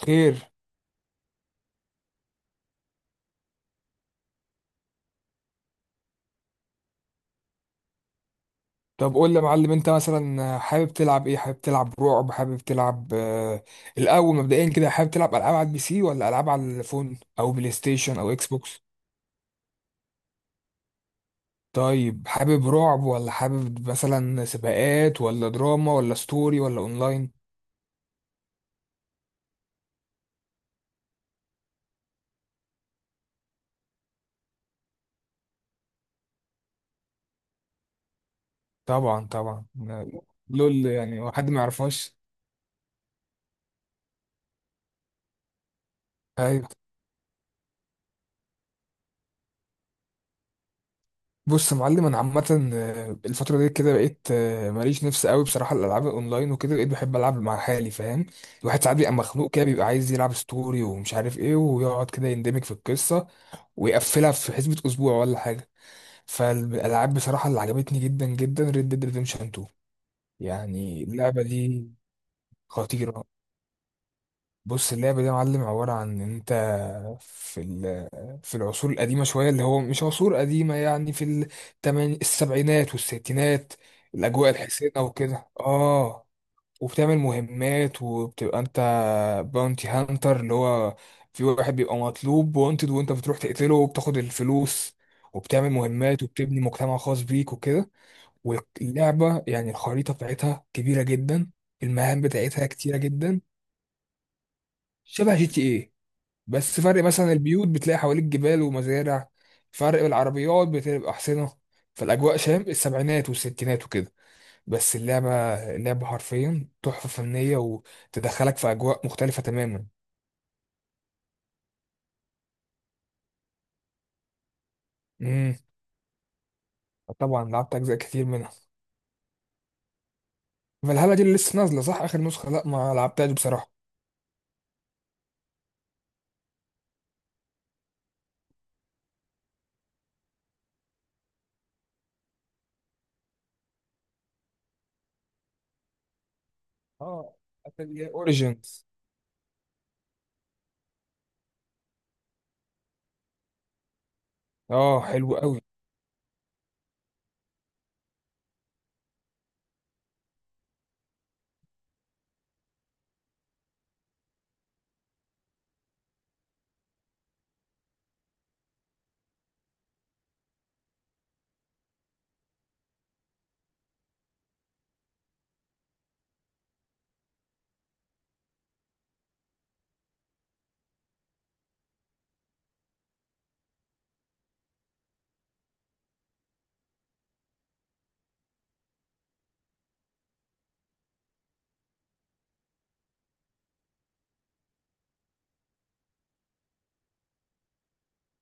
خير. طب قول لي يا معلم، انت مثلا حابب تلعب ايه؟ حابب تلعب رعب؟ حابب تلعب الاول مبدئيا كده حابب تلعب العاب على البي سي ولا العاب على الفون او بلاي ستيشن او اكس بوكس؟ طيب، حابب رعب ولا حابب مثلا سباقات ولا دراما ولا ستوري ولا اونلاين؟ طبعا طبعا. لول، يعني هو حد ما يعرفهاش؟ طيب. بص يا معلم، انا عامه الفتره دي كده بقيت ماليش نفس قوي بصراحه الالعاب الاونلاين، وكده بقيت بحب العب مع حالي، فاهم؟ الواحد ساعات بيبقى مخنوق كده، بيبقى عايز يلعب ستوري ومش عارف ايه، ويقعد كده يندمج في القصه ويقفلها في حسبه اسبوع ولا حاجه. فالالعاب بصراحه اللي عجبتني جدا جدا، ريد ديد ريديمشن 2. يعني اللعبه دي خطيره. بص، اللعبة دي يا معلم عبارة عن إن أنت في ال- في العصور القديمة شوية، اللي هو مش عصور قديمة، يعني في التماني، السبعينات والستينات، الأجواء الحسينة وكده وبتعمل مهمات وبتبقى أنت باونتي هانتر، اللي هو في واحد بيبقى مطلوب وانتد، وأنت بتروح تقتله وبتاخد الفلوس، وبتعمل مهمات وبتبني مجتمع خاص بيك وكده. واللعبة يعني الخريطة بتاعتها كبيرة جدا، المهام بتاعتها كتيرة جدا. شبه جي تي ايه، بس فرق مثلا البيوت بتلاقي حواليك جبال ومزارع، فرق العربيات بتبقى أحسنة، فالأجواء شام السبعينات والستينات وكده. بس اللعبة، اللعبة حرفيا تحفة فنية وتدخلك في أجواء مختلفة تماما. امم، طبعا لعبت أجزاء كتير منها. فالهالا دي اللي لسه نازلة صح، آخر نسخة؟ لا، ما لعبتهاش بصراحة. اه، اوريجينز. اه حلو قوي.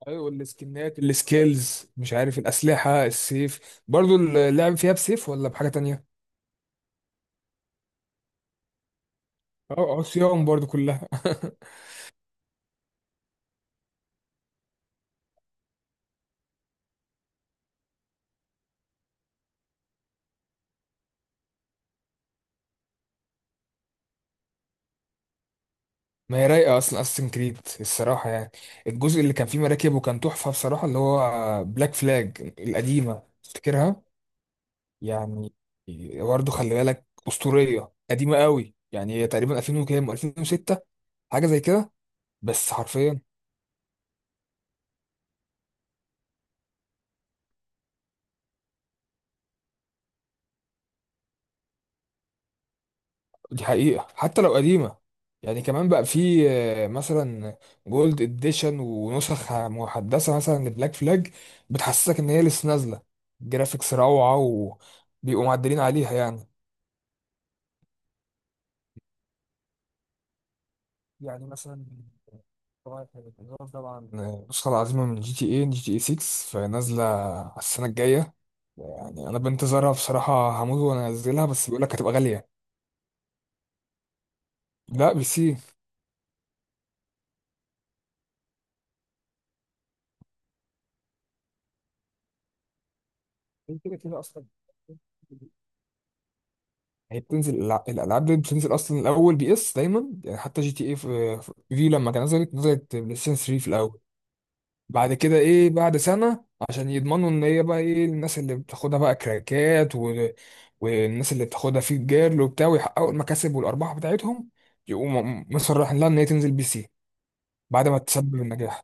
ايوه السكنات، السكيلز، مش عارف، الأسلحة، السيف، برضو اللعب فيها بسيف ولا بحاجة تانية؟ اه، عصيان برضو كلها. ما هي رايقه اصلا اساسن كريد الصراحه، يعني الجزء اللي كان فيه مراكب وكان تحفه بصراحه، اللي هو بلاك فلاج القديمه، تفتكرها؟ يعني برضو خلي بالك اسطوريه قديمه قوي، يعني هي تقريبا 2000 وكام، 2006، حاجه زي كده. بس حرفيا دي حقيقة حتى لو قديمة، يعني كمان بقى في مثلا جولد اديشن ونسخ محدثة مثلا لبلاك فلاج، بتحسسك ان هي لسه نازلة، جرافيكس روعة وبيبقوا معدلين عليها يعني. يعني مثلا، طبعا الإضافة، طبعا النسخة العظيمة من جي تي اي، جي تي اي 6، فنازلة على السنة الجاية. يعني انا بنتظرها بصراحة، هموت وانزلها، بس بيقول لك هتبقى غالية. لا، بي سي. كده كده اصلا، هي بتنزل الالعاب دي بتنزل اصلا الاول بي اس دايما، يعني حتى جي تي اي، في، في لما كان نزلت بلاي ستيشن 3 في الاول. بعد كده ايه، بعد سنه، عشان يضمنوا ان هي بقى ايه، الناس اللي بتاخدها بقى كراكات والناس اللي بتاخدها في الجيرل وبتاع، ويحققوا المكاسب والارباح بتاعتهم، يقوموا مصرحين لها ان هي تنزل بي سي بعد ما تسبب النجاح.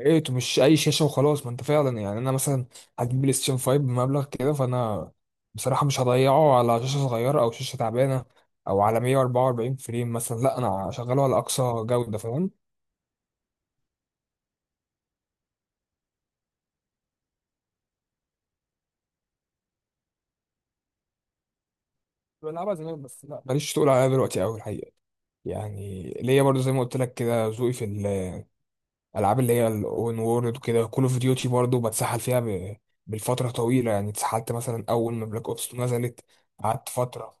ايه مش اي شاشه وخلاص؟ ما انت فعلا، يعني انا مثلا هجيب بلاي ستيشن 5 بمبلغ كده، فانا بصراحه مش هضيعه على شاشه صغيره او شاشه تعبانه، او على 144 فريم مثلا، لا انا هشغله على اقصى جوده، فاهم؟ بلعبها زمان بس، لا ماليش تقول عليها دلوقتي قوي الحقيقه. يعني ليا برضو زي ما قلت لك كده، ذوقي في الالعاب اللي هي الاون وورلد وكده. كول اوف ديوتي برضو بتسحل فيها بالفتره طويله، يعني اتسحلت مثلا اول ما بلاك اوبس نزلت قعدت فتره،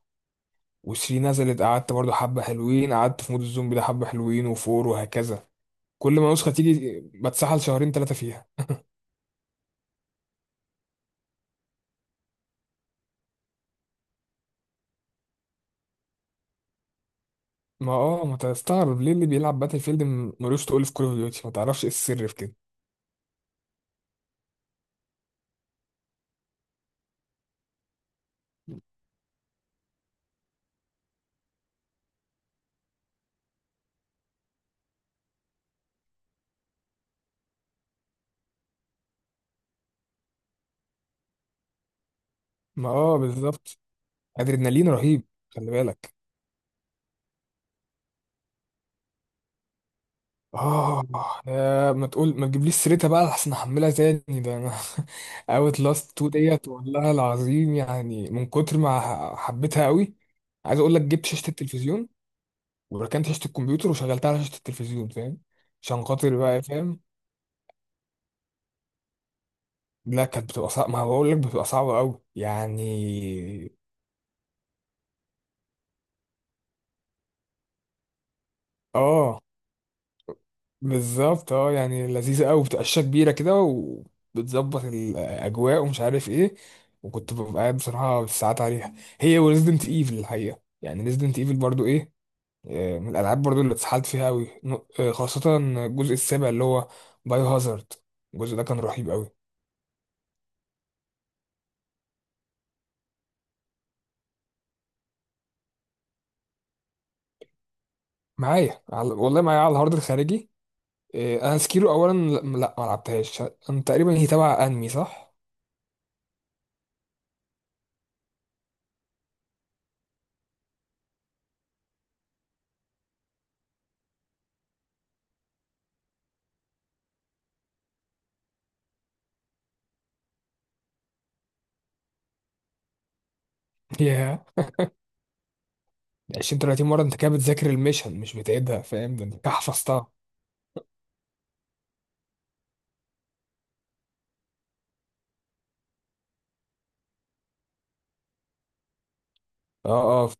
وثري نزلت قعدت برضو حبة حلوين، قعدت في مود الزومبي ده حبة حلوين، وفور وهكذا. كل ما نسخة تيجي بتسحل شهرين ثلاثة فيها. ما ما تستغرب ليه اللي بيلعب باتل فيلد ملوش تقول في كول اوف ديوتي، ما تعرفش ايه السر في كده؟ ما بالظبط. ادرينالين رهيب، خلي بالك. اه يا ما تقول، ما تجيبليش سيرتها بقى، احسن احملها تاني، ده انا اوت لاست 2 ديت والله العظيم، يعني من كتر ما حبيتها قوي. عايز اقول لك، جبت شاشة التلفزيون وركنت شاشة الكمبيوتر وشغلتها على شاشة التلفزيون، فاهم؟ عشان خاطر بقى، فاهم؟ لا كانت بتبقى صعبة، ما بقول لك بتبقى صعبة قوي يعني. اه بالظبط. اه يعني لذيذة قوي، بتبقى شاشة كبيرة كده وبتظبط الأجواء ومش عارف ايه، وكنت ببقى قاعد بصراحة بالساعات عليها. هي وريزدنت ايفل الحقيقة، يعني ريزدنت ايفل برضو ايه، من الألعاب برضو اللي اتسحلت فيها قوي، خاصة الجزء السابع اللي هو بايو هازارد. الجزء ده كان رهيب قوي. معايا والله معايا على الهارد الخارجي. انا سكيرو اولا، لا لا، ما لعبتهاش. انا تقريبا هي تبع انمي، صح؟ ياه، 20 30 مره، انت كده بتذاكر المشن مش بتعيدها، فاهم؟ ده انت كده حفظتها. اه اه.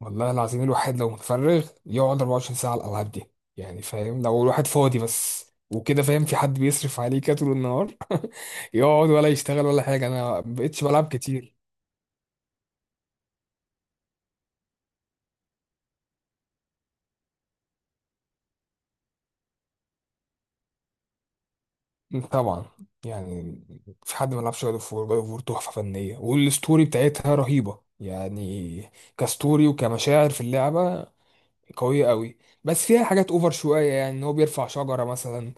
والله العظيم الواحد لو متفرغ يقعد 24 ساعه على الالعاب دي، يعني فاهم لو الواحد فاضي بس وكده، فاهم، في حد بيصرف عليه كده طول النهار. يقعد ولا يشتغل ولا حاجه، انا ما بقتش بلعب كتير. طبعا، يعني في حد ما لعبش جاد اوف وور؟ جاد اوف وور تحفه فنيه، والستوري بتاعتها رهيبه يعني، كستوري وكمشاعر في اللعبه قويه قوي. بس فيها حاجات اوفر شويه، يعني ان هو بيرفع شجره مثلا،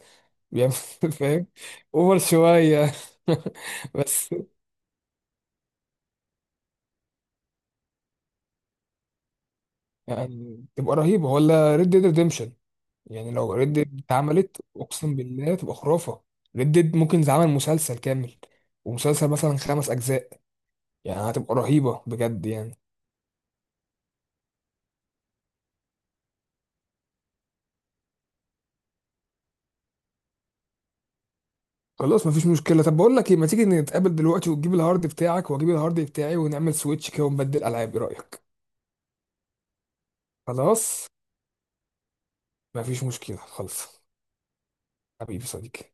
بيعمل فاهم؟ اوفر شويه. بس يعني تبقى رهيبه ولا ريد ديد ريديمشن؟ يعني لو ريد ديد اتعملت اقسم بالله تبقى خرافه. ريد ديد ممكن يتعمل مسلسل كامل، ومسلسل مثلا خمس اجزاء، يعني هتبقى رهيبه بجد يعني. خلاص مفيش مشكله. طب بقول لك ايه، ما تيجي نتقابل دلوقتي وتجيب الهارد بتاعك واجيب الهارد بتاعي ونعمل سويتش كده ونبدل العاب، ايه رايك؟ خلاص، مفيش مشكله، خلص. حبيبي صديقي.